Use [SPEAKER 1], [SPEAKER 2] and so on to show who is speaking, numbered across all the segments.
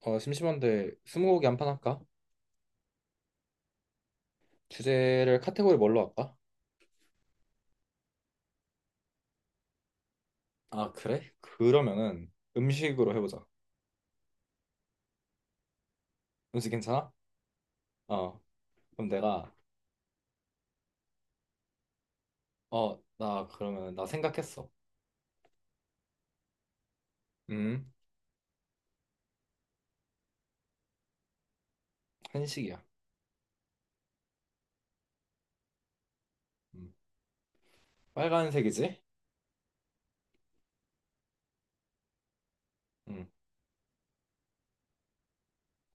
[SPEAKER 1] 심심한데 스무고개 한 판 할까? 주제를 카테고리 뭘로 할까? 아, 그래? 그러면은 음식으로 해보자. 음식 괜찮아? 어, 그럼 내가 나 그러면 나 생각했어. 음, 한식이야. 음, 빨간색이지? 음,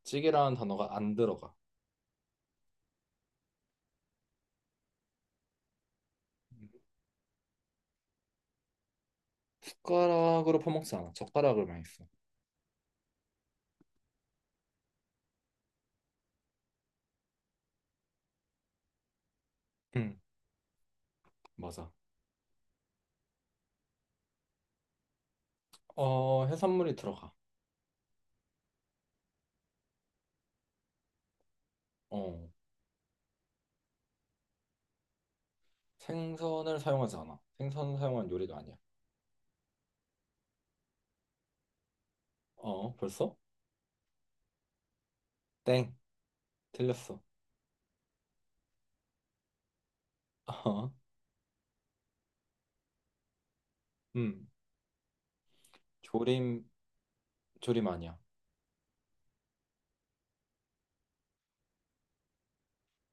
[SPEAKER 1] 찌개라는 단어가 안 들어가. 음, 숟가락으로 퍼먹지 않아. 젓가락으로만 있어. 음, 맞아. 어, 해산물이 들어가. 어, 생선을 사용하지 않아. 생선 사용한 요리가 아니야. 어, 벌써? 땡, 틀렸어. 어. 음, 조림 조림 아니야.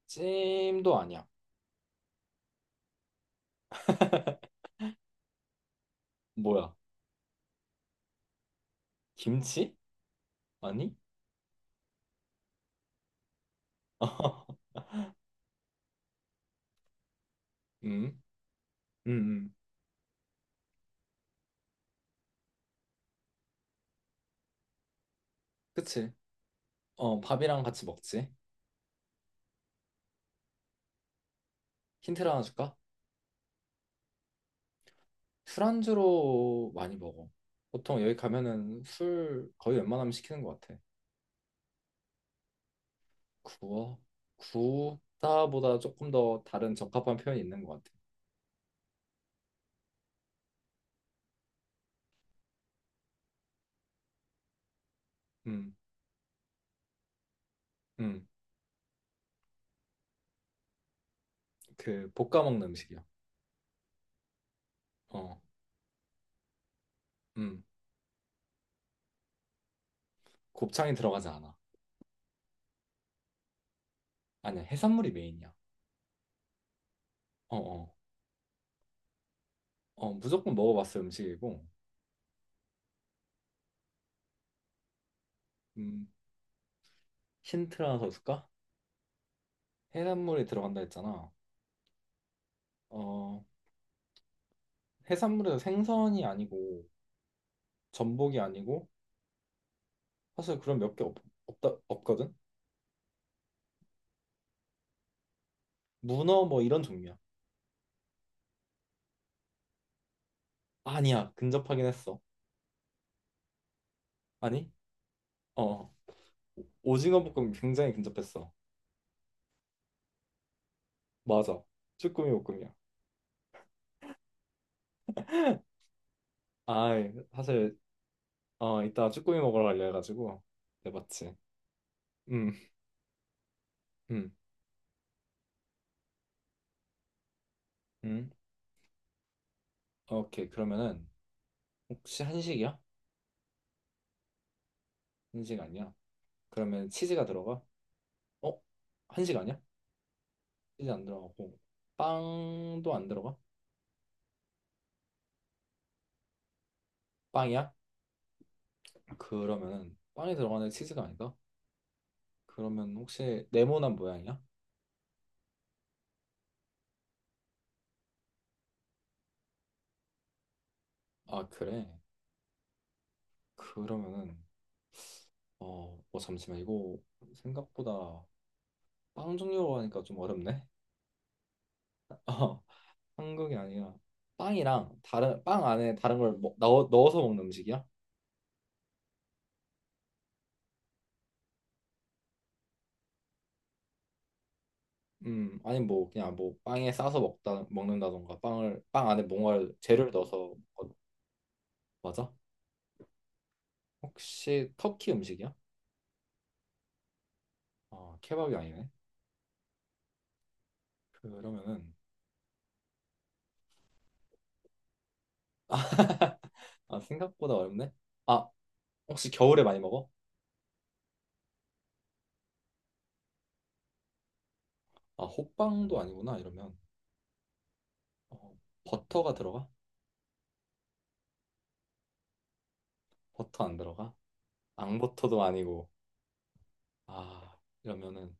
[SPEAKER 1] 찜도 아니야. 뭐야? 김치? 아니? 음, 음, 음. 그치. 어, 밥이랑 같이 먹지. 힌트를 하나 줄까? 술안주로 많이 먹어. 보통 여기 가면은 술 거의 웬만하면 시키는 것 같아. 구워? 구다보다 조금 더 다른 적합한 표현이 있는 것 같아. 음, 음. 그 볶아 먹는 음식이야. 어, 음. 곱창이 들어가지 않아. 아니야, 해산물이 메인이야. 어, 어. 무조건 먹어봤을 음식이고. 음, 힌트를 하나 더 줄까? 해산물이 들어간다 했잖아. 어, 해산물에서 생선이 아니고 전복이 아니고 사실 그런 몇 개 없다 없거든. 문어 뭐 이런 종류야. 아니야, 근접하긴 했어. 아니? 어, 오징어 볶음 굉장히 근접했어. 맞아, 쭈꾸미 볶음이야. 아, 사실 이따 쭈꾸미 먹으러 가려 해가지고 네 맞지. 음, 음, 음. 오케이, 그러면은 혹시 한식이야? 한식 아니야? 그러면 치즈가 들어가? 어? 한식 아니야? 치즈 안 들어가고 빵도 안 들어가? 빵이야? 그러면은 빵이 들어가는 치즈가 아니다? 그러면 혹시 네모난 모양이야? 아, 그래? 그러면은 잠시만 이거 생각보다 빵 종류로 하니까 좀 어렵네? 어 한국이 아니라 빵이랑 다른 빵 안에 다른 걸 넣어서 먹는 음식이야? 아니 뭐 그냥 뭐 빵에 싸서 먹다 먹는다던가 빵을 빵 안에 뭔가를 재료를 넣어서 맞아? 혹시 터키 음식이야? 아, 케밥이 아니네? 그러면은 아, 생각보다 어렵네. 아, 혹시 겨울에 많이 먹어? 아, 호빵도 아니구나 이러면 어, 버터가 들어가? 버터 안 들어가? 앙버터도 아니고 아, 이러면은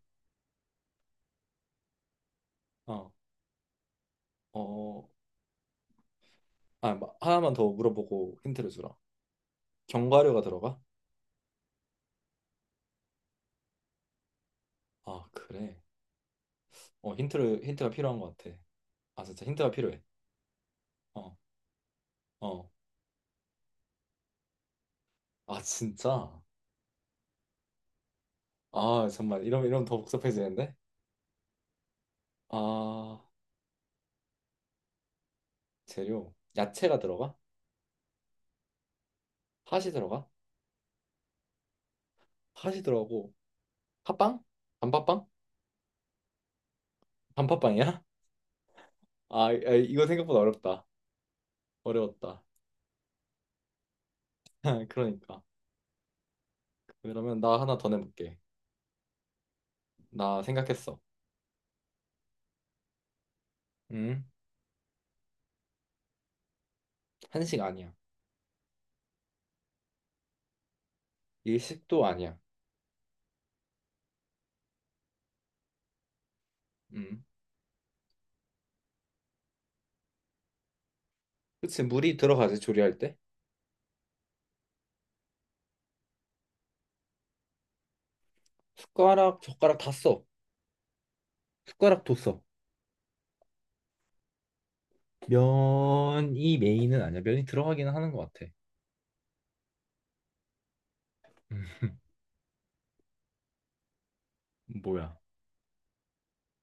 [SPEAKER 1] 어어아 하나만 더 물어보고 힌트를 주라. 견과류가 들어가? 아, 그래. 힌트를 힌트가 필요한 것 같아. 아, 진짜 힌트가 필요해. 어, 어. 아, 진짜? 아, 정말 이러면 더 복잡해지는데? 아, 재료 야채가 들어가? 팥이 들어가? 팥이 들어가고 팥빵? 단팥빵? 단팥빵이야? 아, 이거 생각보다 어렵다. 어려웠다. 그러니까. 그러면 나 하나 더 내볼게. 나 생각했어. 음, 한식 아니야. 일식도 아니야. 음, 그치, 물이 들어가지, 조리할 때. 숟가락, 젓가락 다 써. 숟가락도 써. 면이 메인은 아니야. 면이 들어가기는 하는 것 같아. 음, 뭐야?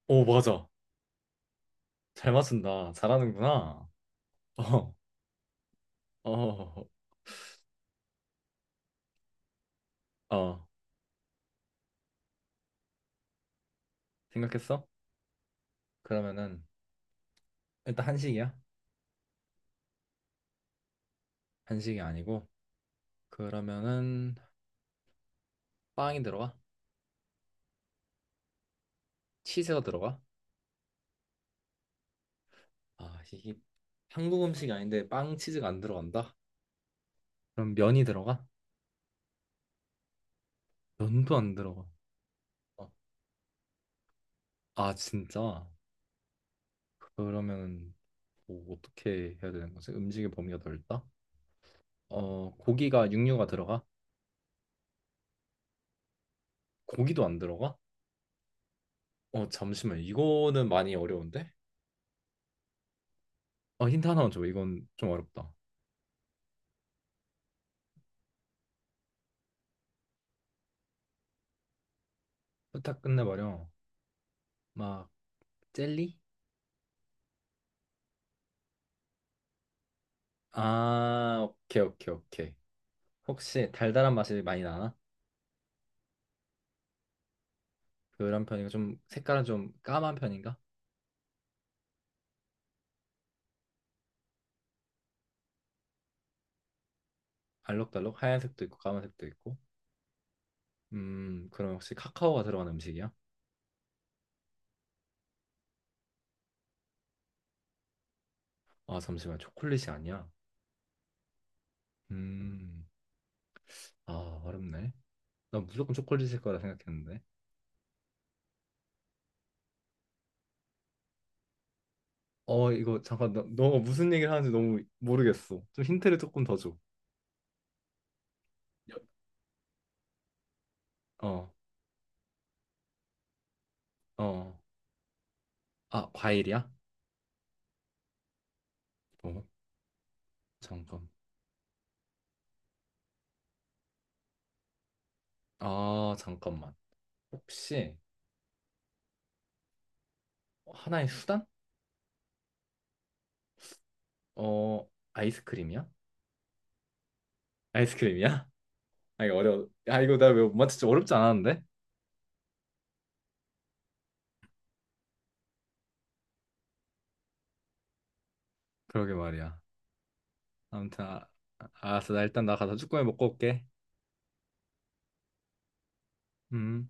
[SPEAKER 1] 오, 맞아. 잘 맞춘다. 잘하는구나. 어, 어, 어. 생각했어? 그러면은 일단 한식이야. 한식이 아니고 그러면은 빵이 들어가? 치즈가 들어가? 아, 이게 한국 음식이 아닌데 빵 치즈가 안 들어간다? 그럼 면이 들어가? 면도 안 들어가. 어. 아, 진짜? 그러면 뭐 어떻게 해야 되는 거지? 음식의 범위가 넓다? 고기가 육류가 들어가? 고기도 안 들어가? 잠시만. 이거는 많이 어려운데? 힌트 하나만 줘. 이건 좀 어렵다. 부탁 끝내버려. 막 젤리? 아, 오케이, 오케이, 오케이. 혹시 달달한 맛이 많이 나나? 그런 편이고 좀 색깔은 좀 까만 편인가? 알록달록 하얀색도 있고 까만색도 있고. 그럼 혹시 카카오가 들어간 음식이야? 아, 잠시만. 초콜릿이 아니야. 음. 아, 어렵네. 난 무조건 초콜릿일 거라 생각했는데. 이거 잠깐 너 무슨 얘기를 하는지 너무 모르겠어. 좀 힌트를 조금 더 줘. 여- 어, 어. 아, 과일이야? 어, 잠깐. 아, 잠깐만. 혹시 하나의 수단? 어, 아이스크림이야? 아이스크림이야? 아, 이거 어려워. 아, 이거 나 왜 못 맞췄지? 어렵지 않았는데? 그러게 말이야. 아무튼 아, 알았어. 나 일단 나 가서 쭈꾸미 먹고 올게. 음.